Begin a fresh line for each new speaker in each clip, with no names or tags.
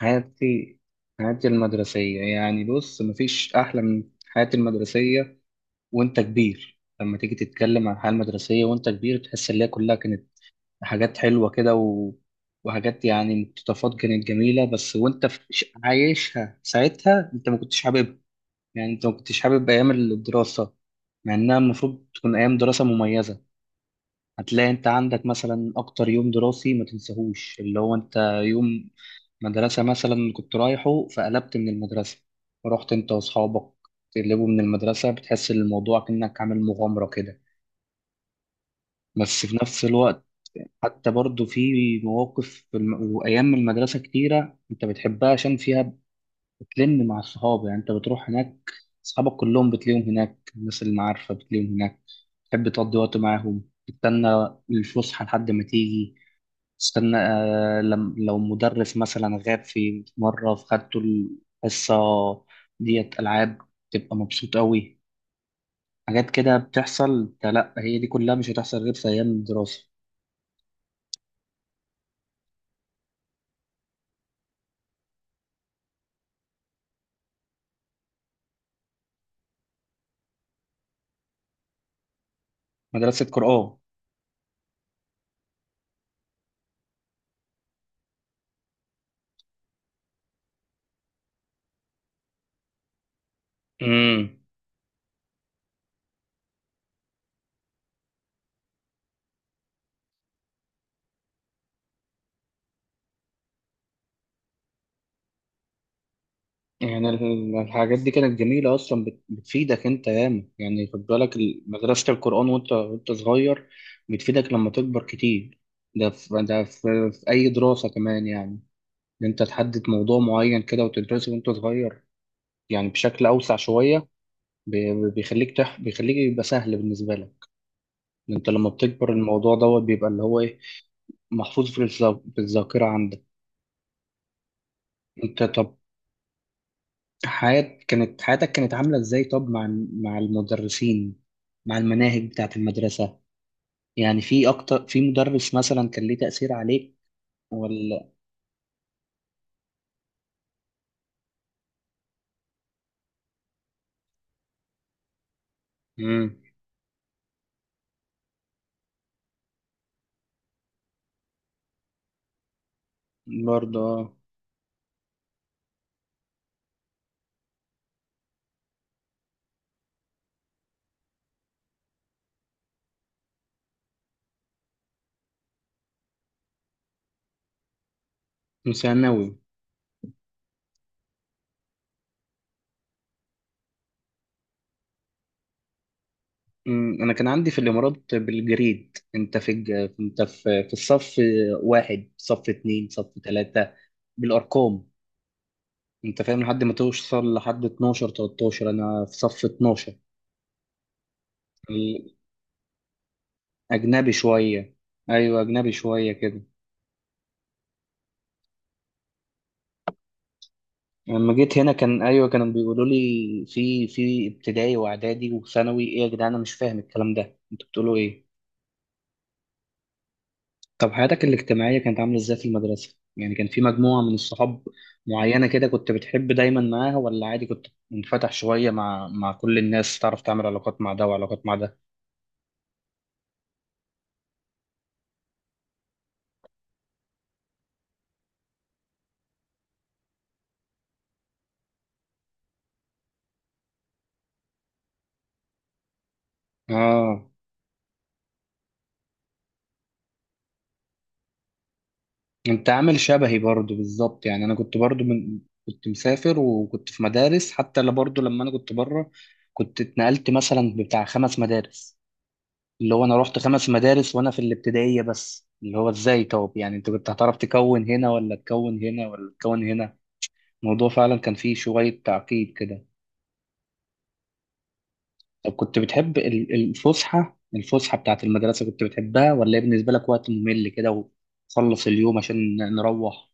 حياتي حياتي المدرسية يعني بص مفيش أحلى من حياتي المدرسية، وأنت كبير لما تيجي تتكلم عن الحياة المدرسية وأنت كبير تحس إن هي كلها كانت حاجات حلوة كده وحاجات يعني مقتطفات كانت جميلة، بس وأنت عايشها ساعتها أنت ما كنتش حاببها، يعني أنت ما كنتش حابب أيام الدراسة مع إنها المفروض تكون أيام دراسة مميزة. هتلاقي انت عندك مثلا اكتر يوم دراسي ما تنساهوش اللي هو انت يوم مدرسة مثلا كنت رايحه فقلبت من المدرسة، رحت انت واصحابك تقلبوا من المدرسة، بتحس ان الموضوع كأنك عامل مغامرة كده، بس في نفس الوقت حتى برضو في وايام المدرسة كتيرة انت بتحبها عشان فيها بتلم مع الصحاب، يعني انت بتروح هناك اصحابك كلهم بتلاقيهم هناك، الناس اللي معارفة بتلاقيهم هناك، تحب تقضي وقت معاهم، تستنى الفسحة لحد ما تيجي، استنى آه، لم لو مدرس مثلا غاب في مرة فخدته الحصة ديت ألعاب، تبقى مبسوط أوي. حاجات كده بتحصل، ده لأ هي دي كلها مش هتحصل غير في أيام الدراسة. مدرسة قرآن. امم. يعني الحاجات دي كانت جميلة أصلا، بتفيدك أنت ياما، يعني خد بالك مدرسة القرآن وأنت وأنت صغير بتفيدك لما تكبر كتير. ده في في أي دراسة كمان يعني إن أنت تحدد موضوع معين كده وتدرسه وأنت صغير يعني بشكل أوسع شوية، بيخليك يبقى سهل بالنسبة لك. أنت لما بتكبر الموضوع دوت بيبقى اللي هو إيه، محفوظ في الذاكرة عندك. أنت طب حياتك كانت عاملة إزاي طب مع المدرسين، مع المناهج بتاعة المدرسة، يعني في مدرس مثلا كان ليه تأثير عليك ولا. امم. برضه. آه. ثانوي. أمم، انا كان عندي في الامارات بالجريد، انت في انت في الصف واحد، صف اتنين، صف تلاتة، بالارقام، انت فاهم لحد ما توصل لحد 12 13، انا في صف 12. اجنبي شويه. ايوه اجنبي شويه كده. لما جيت هنا كان ايوه كانوا بيقولوا لي في في ابتدائي واعدادي وثانوي، ايه يا جدعان انا مش فاهم الكلام ده، انتوا بتقولوا ايه؟ طب حياتك الاجتماعية كانت عاملة ازاي في المدرسة؟ يعني كان في مجموعة من الصحاب معينة كده كنت بتحب دايما معاها ولا عادي كنت منفتح شوية مع كل الناس تعرف تعمل علاقات مع ده وعلاقات مع ده؟ اه انت عامل شبهي برضو بالظبط، يعني انا كنت برضو من كنت مسافر وكنت في مدارس حتى، لا برضو لما انا كنت بره كنت اتنقلت مثلا بتاع خمس مدارس، اللي هو انا رحت خمس مدارس وانا في الابتدائية بس، اللي هو ازاي طب يعني انت كنت هتعرف تكون هنا ولا تكون هنا ولا تكون هنا. الموضوع فعلا كان فيه شوية تعقيد كده. طب كنت بتحب الفسحة بتاعت المدرسة كنت بتحبها ولا هي بالنسبة لك وقت ممل كده وخلص اليوم عشان نروح؟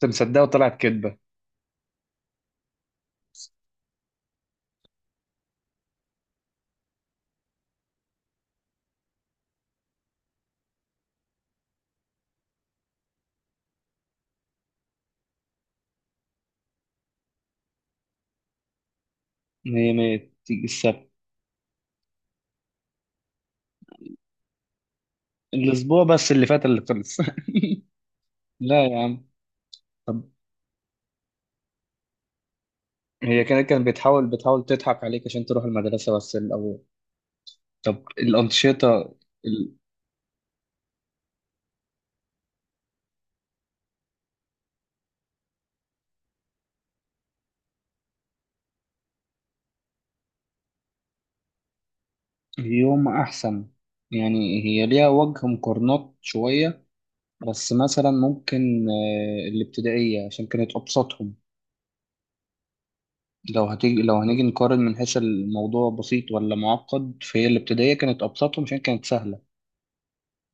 كنت مصدقه وطلعت كدبة. مية مية. تيجي السبت الأسبوع بس اللي فات اللي خلص. لا يا عم. طب هي كانت بتحاول تضحك عليك عشان تروح المدرسة بس الأول. طب الأنشطة ال- اليوم أحسن، يعني هي ليها وجه مقارنات شوية، بس مثلا ممكن آه، الابتدائية عشان كانت أبسطهم. لو هنيجي نقارن من حيث الموضوع بسيط ولا معقد فهي الابتدائية كانت أبسطهم عشان كانت سهلة.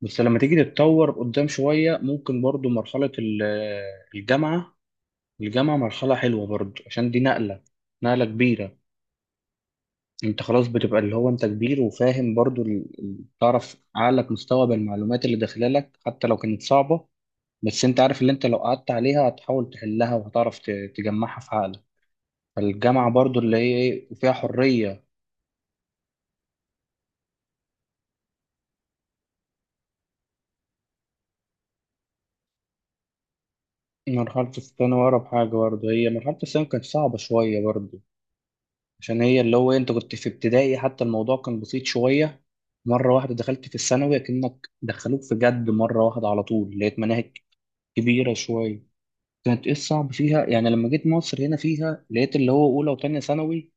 بس لما تيجي تتطور قدام شوية ممكن برضو مرحلة الجامعة. الجامعة مرحلة حلوة برضو عشان دي نقلة، نقلة كبيرة، انت خلاص بتبقى اللي هو انت كبير وفاهم برضو تعرف عقلك مستوعب المعلومات اللي داخلالك حتى لو كانت صعبة، بس انت عارف اللي انت لو قعدت عليها هتحاول تحلها وهتعرف تجمعها في عقلك. فالجامعة برضو اللي هي ايه فيها حرية. مرحلة الثانوي أقرب حاجة برضو، هي مرحلة الثانوي كانت صعبة شوية برضو، عشان هي اللي هو انت كنت في ابتدائي حتى الموضوع كان بسيط شوية، مرة واحدة دخلت في الثانوي كأنك دخلوك في جد، مرة واحدة على طول لقيت مناهج كبيرة شوية. كانت ايه الصعب فيها؟ يعني لما جيت مصر هنا فيها لقيت اللي هو أولى وتانية ثانوي،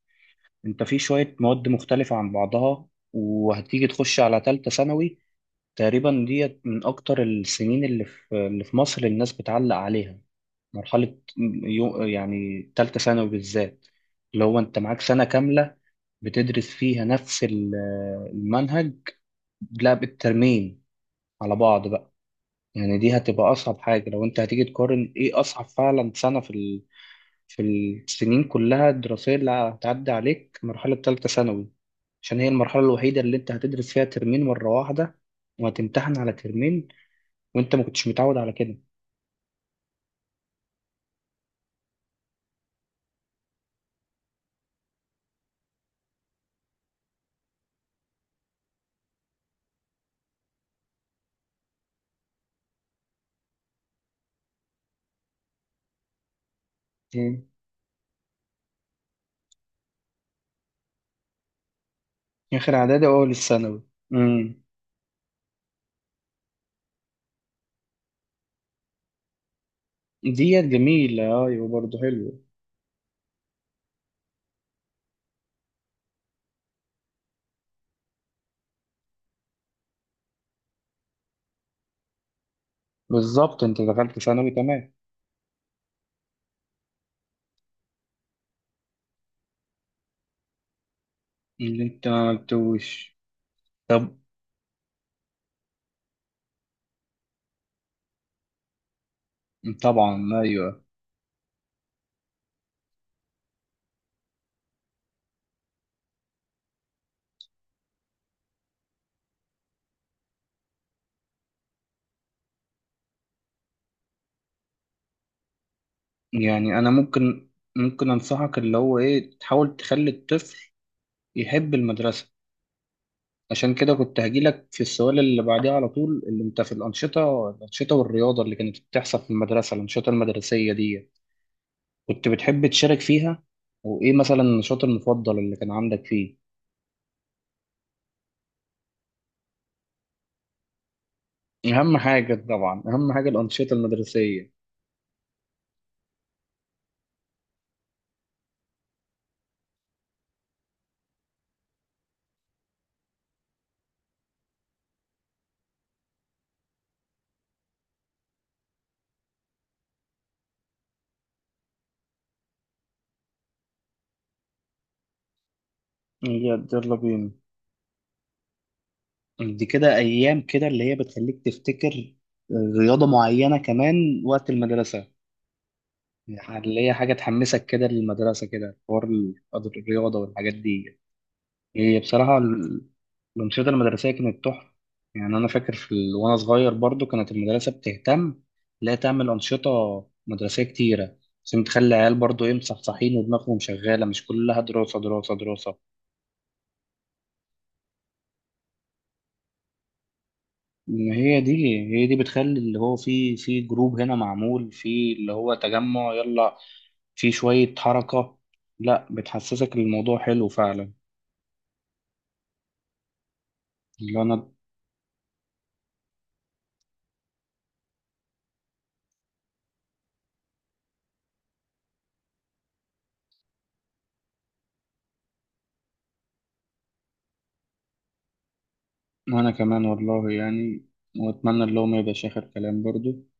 انت في شوية مواد مختلفة عن بعضها، وهتيجي تخش على تالتة ثانوي، تقريبا ديت من أكتر السنين اللي في اللي في مصر الناس بتعلق عليها، مرحلة يعني تالتة ثانوي بالذات، اللي هو انت معاك سنة كاملة بتدرس فيها نفس المنهج، لا بالترمين على بعض بقى. يعني دي هتبقى أصعب حاجة لو انت هتيجي تقارن ايه أصعب فعلا سنة في في السنين كلها الدراسية اللي هتعدي عليك مرحلة تالتة ثانوي، عشان هي المرحلة الوحيدة اللي أنت هتدرس فيها ترمين مرة واحدة وهتمتحن على ترمين وأنت ما كنتش متعود على كده. مم. آخر إعدادي وأول الثانوي. مم. ديت جميلة، أيوة برضه حلوة. بالظبط أنت دخلت ثانوي تمام. اللي أنت ما قلتوش. طب. طبعا أيوة. يعني أنا ممكن ممكن أنصحك اللي هو إيه، تحاول تخلي الطفل يحب المدرسة، عشان كده كنت هجيلك في السؤال اللي بعديه على طول اللي انت في الأنشطة، الأنشطة والرياضة اللي كانت بتحصل في المدرسة، الأنشطة المدرسية دي كنت بتحب تشارك فيها؟ وإيه مثلا النشاط المفضل اللي كان عندك فيه؟ أهم حاجة طبعا، أهم حاجة الأنشطة المدرسية. يلا يلا بينا. دي كده أيام كده اللي هي بتخليك تفتكر رياضة معينة كمان وقت المدرسة، يعني اللي هي حاجة تحمسك كده للمدرسة كده، حوار الرياضة والحاجات دي. هي بصراحة الأنشطة المدرسية كانت تحفة، يعني أنا فاكر وأنا صغير برضو كانت المدرسة بتهتم، لا تعمل أنشطة مدرسية كتيرة عشان تخلي العيال برضو إيه مصحصحين ودماغهم شغالة مش كلها دراسة دراسة دراسة. إن هي دي، هي دي بتخلي اللي هو في جروب هنا معمول في اللي هو تجمع، يلا في شوية حركة، لا بتحسسك إن الموضوع حلو فعلا. اللي أنا وأنا كمان والله يعني، وأتمنى اللي هو ما يبقاش آخر كلام برضو.